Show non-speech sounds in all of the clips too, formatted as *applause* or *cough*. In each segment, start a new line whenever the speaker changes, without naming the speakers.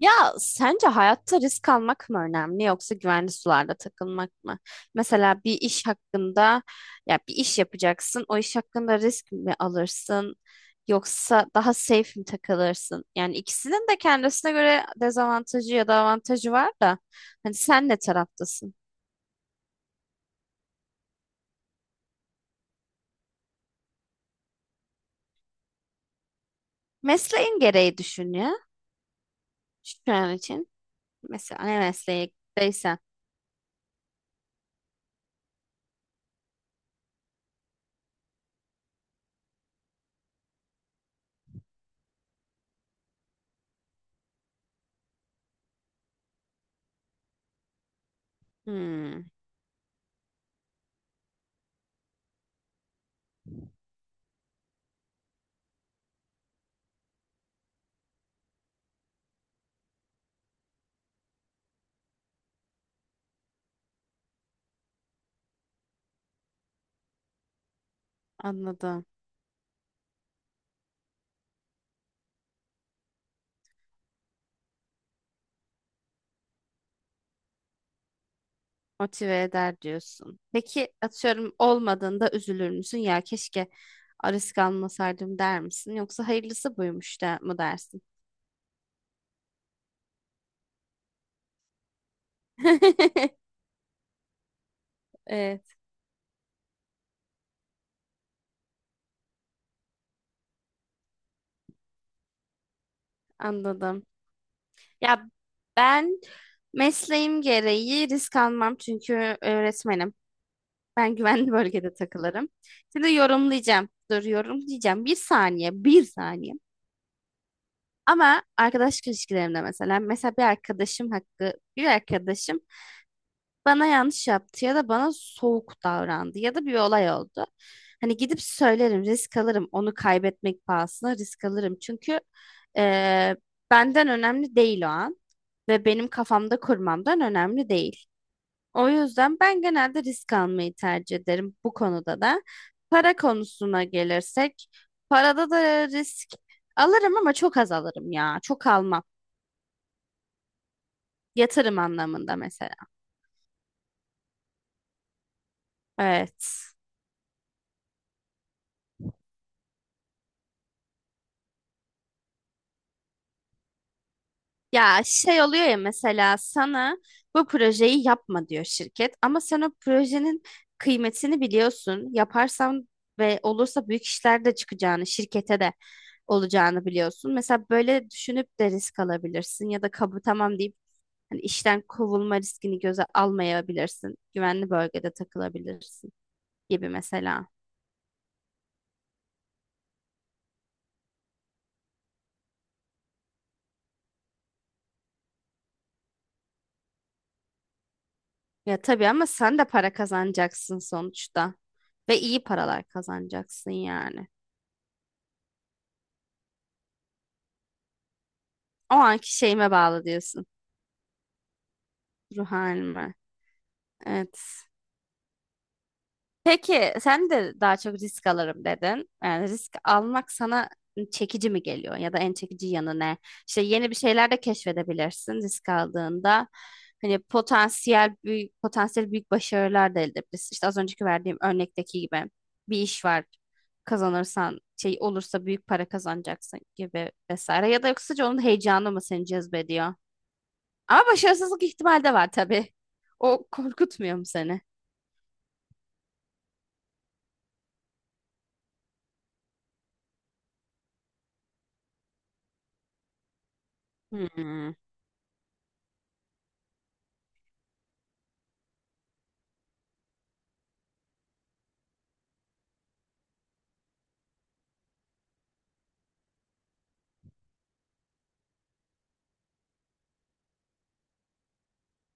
Ya sence hayatta risk almak mı önemli yoksa güvenli sularda takılmak mı? Mesela bir iş hakkında ya bir iş yapacaksın. O iş hakkında risk mi alırsın yoksa daha safe mi takılırsın? Yani ikisinin de kendisine göre dezavantajı ya da avantajı var da hani sen ne taraftasın? Mesleğin gereği düşün ya şu an için. Mesela ne mesleğindeysen. Hmm, anladım. Motive eder diyorsun. Peki atıyorum olmadığında üzülür müsün? Ya keşke risk almasaydım der misin? Yoksa hayırlısı buymuş da mı dersin? *laughs* Evet, anladım. Ya ben mesleğim gereği risk almam çünkü öğretmenim. Ben güvenli bölgede takılırım. Şimdi yorumlayacağım. Dur yorumlayacağım. Bir saniye, bir saniye. Ama arkadaş ilişkilerimde mesela, mesela bir arkadaşım bir arkadaşım bana yanlış yaptı ya da bana soğuk davrandı ya da bir olay oldu. Hani gidip söylerim, risk alırım. Onu kaybetmek pahasına risk alırım. Çünkü eee, benden önemli değil o an ve benim kafamda kurmamdan önemli değil. O yüzden ben genelde risk almayı tercih ederim bu konuda da. Para konusuna gelirsek, parada da risk alırım ama çok az alırım ya. Çok almam. Yatırım anlamında mesela. Evet. Ya şey oluyor ya mesela sana bu projeyi yapma diyor şirket ama sen o projenin kıymetini biliyorsun. Yaparsan ve olursa büyük işler de çıkacağını, şirkete de olacağını biliyorsun. Mesela böyle düşünüp de risk alabilirsin ya da kabul tamam deyip hani işten kovulma riskini göze almayabilirsin. Güvenli bölgede takılabilirsin gibi mesela. Ya tabii ama sen de para kazanacaksın sonuçta ve iyi paralar kazanacaksın yani. O anki şeyime bağlı diyorsun. Ruh halime. Evet. Peki sen de daha çok risk alırım dedin. Yani risk almak sana çekici mi geliyor ya da en çekici yanı ne? İşte yeni bir şeyler de keşfedebilirsin risk aldığında. Hani potansiyel büyük başarılar da elde edebilirsin. İşte az önceki verdiğim örnekteki gibi bir iş var. Kazanırsan şey olursa büyük para kazanacaksın gibi vesaire. Ya da yoksa onun heyecanı mı seni cezbediyor? Ama başarısızlık ihtimali de var tabii. O korkutmuyor mu seni? Hmm.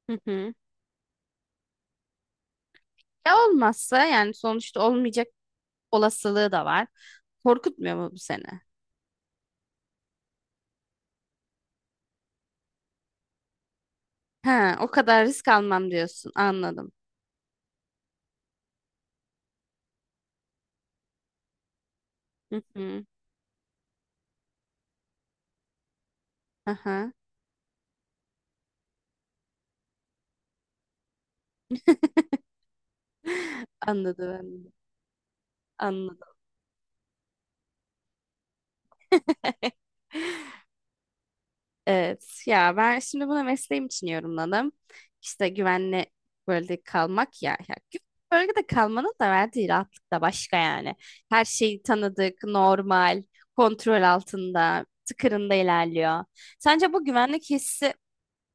Hı hı. Ya olmazsa yani sonuçta olmayacak olasılığı da var. Korkutmuyor mu bu seni? Ha, o kadar risk almam diyorsun. Anladım. Hı hı. Aha. *laughs* Anladım, anladım. Anladım. *laughs* Evet ya ben şimdi bunu mesleğim için yorumladım. İşte güvenli bölgede kalmak ya. Ya güvenli bölgede kalmanın da verdiği rahatlık da başka yani. Her şey tanıdık, normal, kontrol altında, tıkırında ilerliyor. Sence bu güvenlik hissi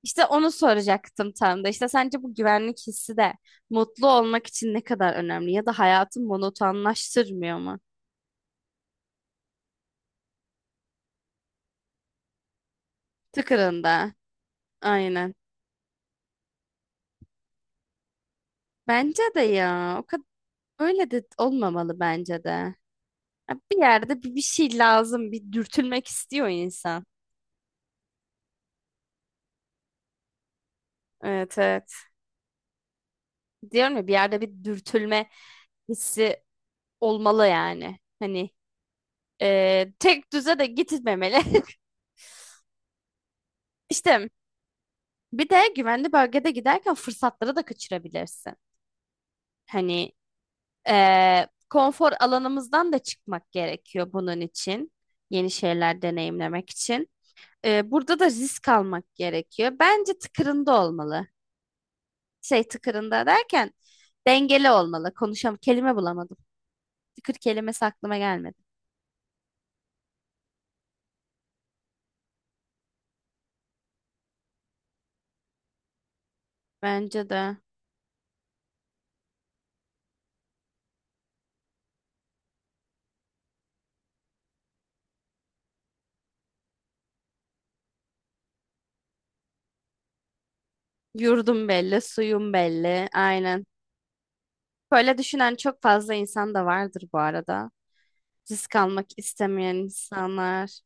işte onu soracaktım tam da. İşte sence bu güvenlik hissi de mutlu olmak için ne kadar önemli ya da hayatı monotonlaştırmıyor mu? Tıkırında. Aynen. Bence de ya. O kadar öyle de olmamalı bence de. Ya bir yerde bir şey lazım. Bir dürtülmek istiyor insan. Evet, evet. Diyorum ya bir yerde bir dürtülme hissi olmalı yani. Hani tek düze de gitmemeli. *laughs* İşte bir de güvenli bölgede giderken fırsatları da kaçırabilirsin. Hani konfor alanımızdan da çıkmak gerekiyor bunun için. Yeni şeyler deneyimlemek için. Burada da risk almak gerekiyor. Bence tıkırında olmalı. Şey tıkırında derken dengeli olmalı. Konuşam kelime bulamadım. Tıkır kelimesi aklıma gelmedi. Bence de yurdum belli, suyum belli. Aynen. Böyle düşünen çok fazla insan da vardır bu arada. Risk almak istemeyen insanlar.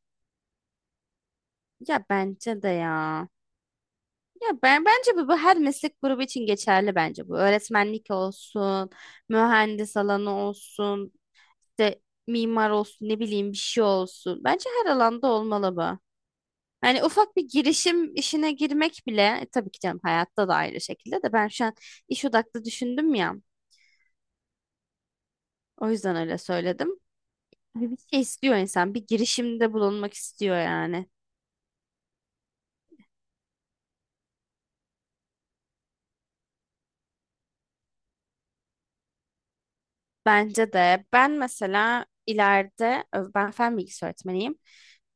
Ya bence de ya. Ya ben bence bu her meslek grubu için geçerli bence bu. Öğretmenlik olsun, mühendis alanı olsun, işte mimar olsun, ne bileyim bir şey olsun. Bence her alanda olmalı bu. Hani ufak bir girişim işine girmek bile tabii ki canım hayatta da ayrı şekilde de ben şu an iş odaklı düşündüm ya. O yüzden öyle söyledim. Hani bir şey istiyor insan, bir girişimde bulunmak istiyor yani. Bence de ben mesela ileride ben fen bilgisi öğretmeniyim.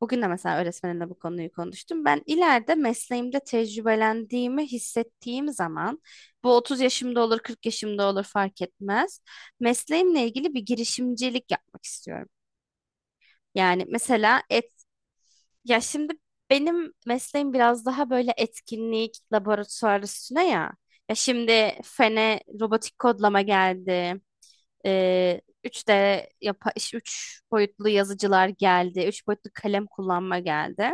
Bugün de mesela öğretmenimle bu konuyu konuştum. Ben ileride mesleğimde tecrübelendiğimi hissettiğim zaman bu 30 yaşımda olur, 40 yaşımda olur fark etmez. Mesleğimle ilgili bir girişimcilik yapmak istiyorum. Yani mesela ya şimdi benim mesleğim biraz daha böyle etkinlik laboratuvar üstüne ya. Ya şimdi fene robotik kodlama geldi. 3D 3 boyutlu yazıcılar geldi. 3 boyutlu kalem kullanma geldi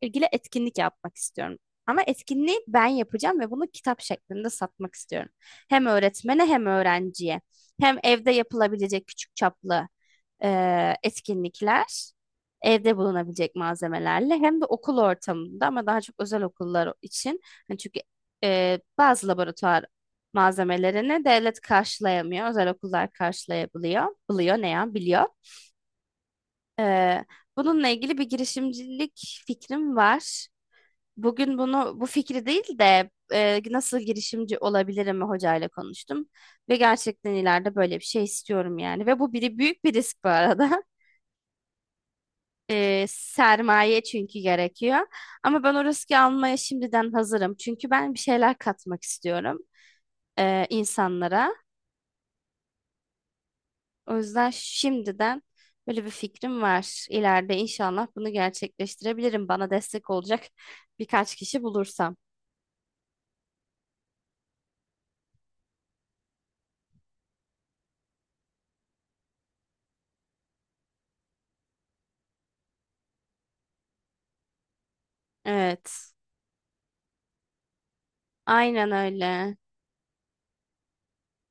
ilgili etkinlik yapmak istiyorum. Ama etkinliği ben yapacağım ve bunu kitap şeklinde satmak istiyorum. Hem öğretmene hem öğrenciye. Hem evde yapılabilecek küçük çaplı etkinlikler, evde bulunabilecek malzemelerle hem de okul ortamında ama daha çok özel okullar için. Hani çünkü bazı laboratuvar malzemelerini devlet karşılayamıyor, özel okullar karşılayabiliyor, biliyor ne ya biliyor. E, Bununla ilgili bir girişimcilik fikrim var. Bugün bunu bu fikri değil de nasıl girişimci olabilirim hocayla konuştum ve gerçekten ileride böyle bir şey istiyorum yani ve bu büyük bir risk bu arada. *laughs* Sermaye çünkü gerekiyor ama ben o riski almaya şimdiden hazırım çünkü ben bir şeyler katmak istiyorum insanlara. O yüzden şimdiden böyle bir fikrim var. İleride inşallah bunu gerçekleştirebilirim. Bana destek olacak birkaç kişi bulursam. Evet, aynen öyle.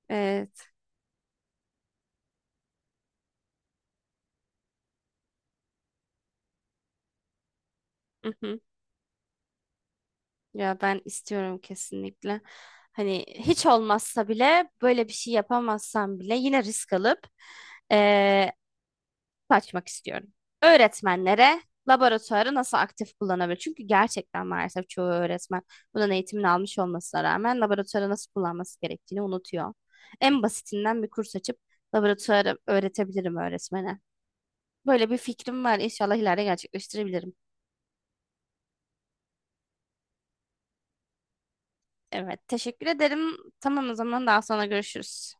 Evet. Hı hı. Ya ben istiyorum kesinlikle. Hani hiç olmazsa bile böyle bir şey yapamazsam bile yine risk alıp eee açmak istiyorum. Öğretmenlere laboratuvarı nasıl aktif kullanabilir? Çünkü gerçekten maalesef çoğu öğretmen bunun eğitimini almış olmasına rağmen laboratuvarı nasıl kullanması gerektiğini unutuyor. En basitinden bir kurs açıp laboratuvarı öğretebilirim öğretmene. Böyle bir fikrim var. İnşallah ileride gerçekleştirebilirim. Evet, teşekkür ederim. Tamam o zaman daha sonra görüşürüz.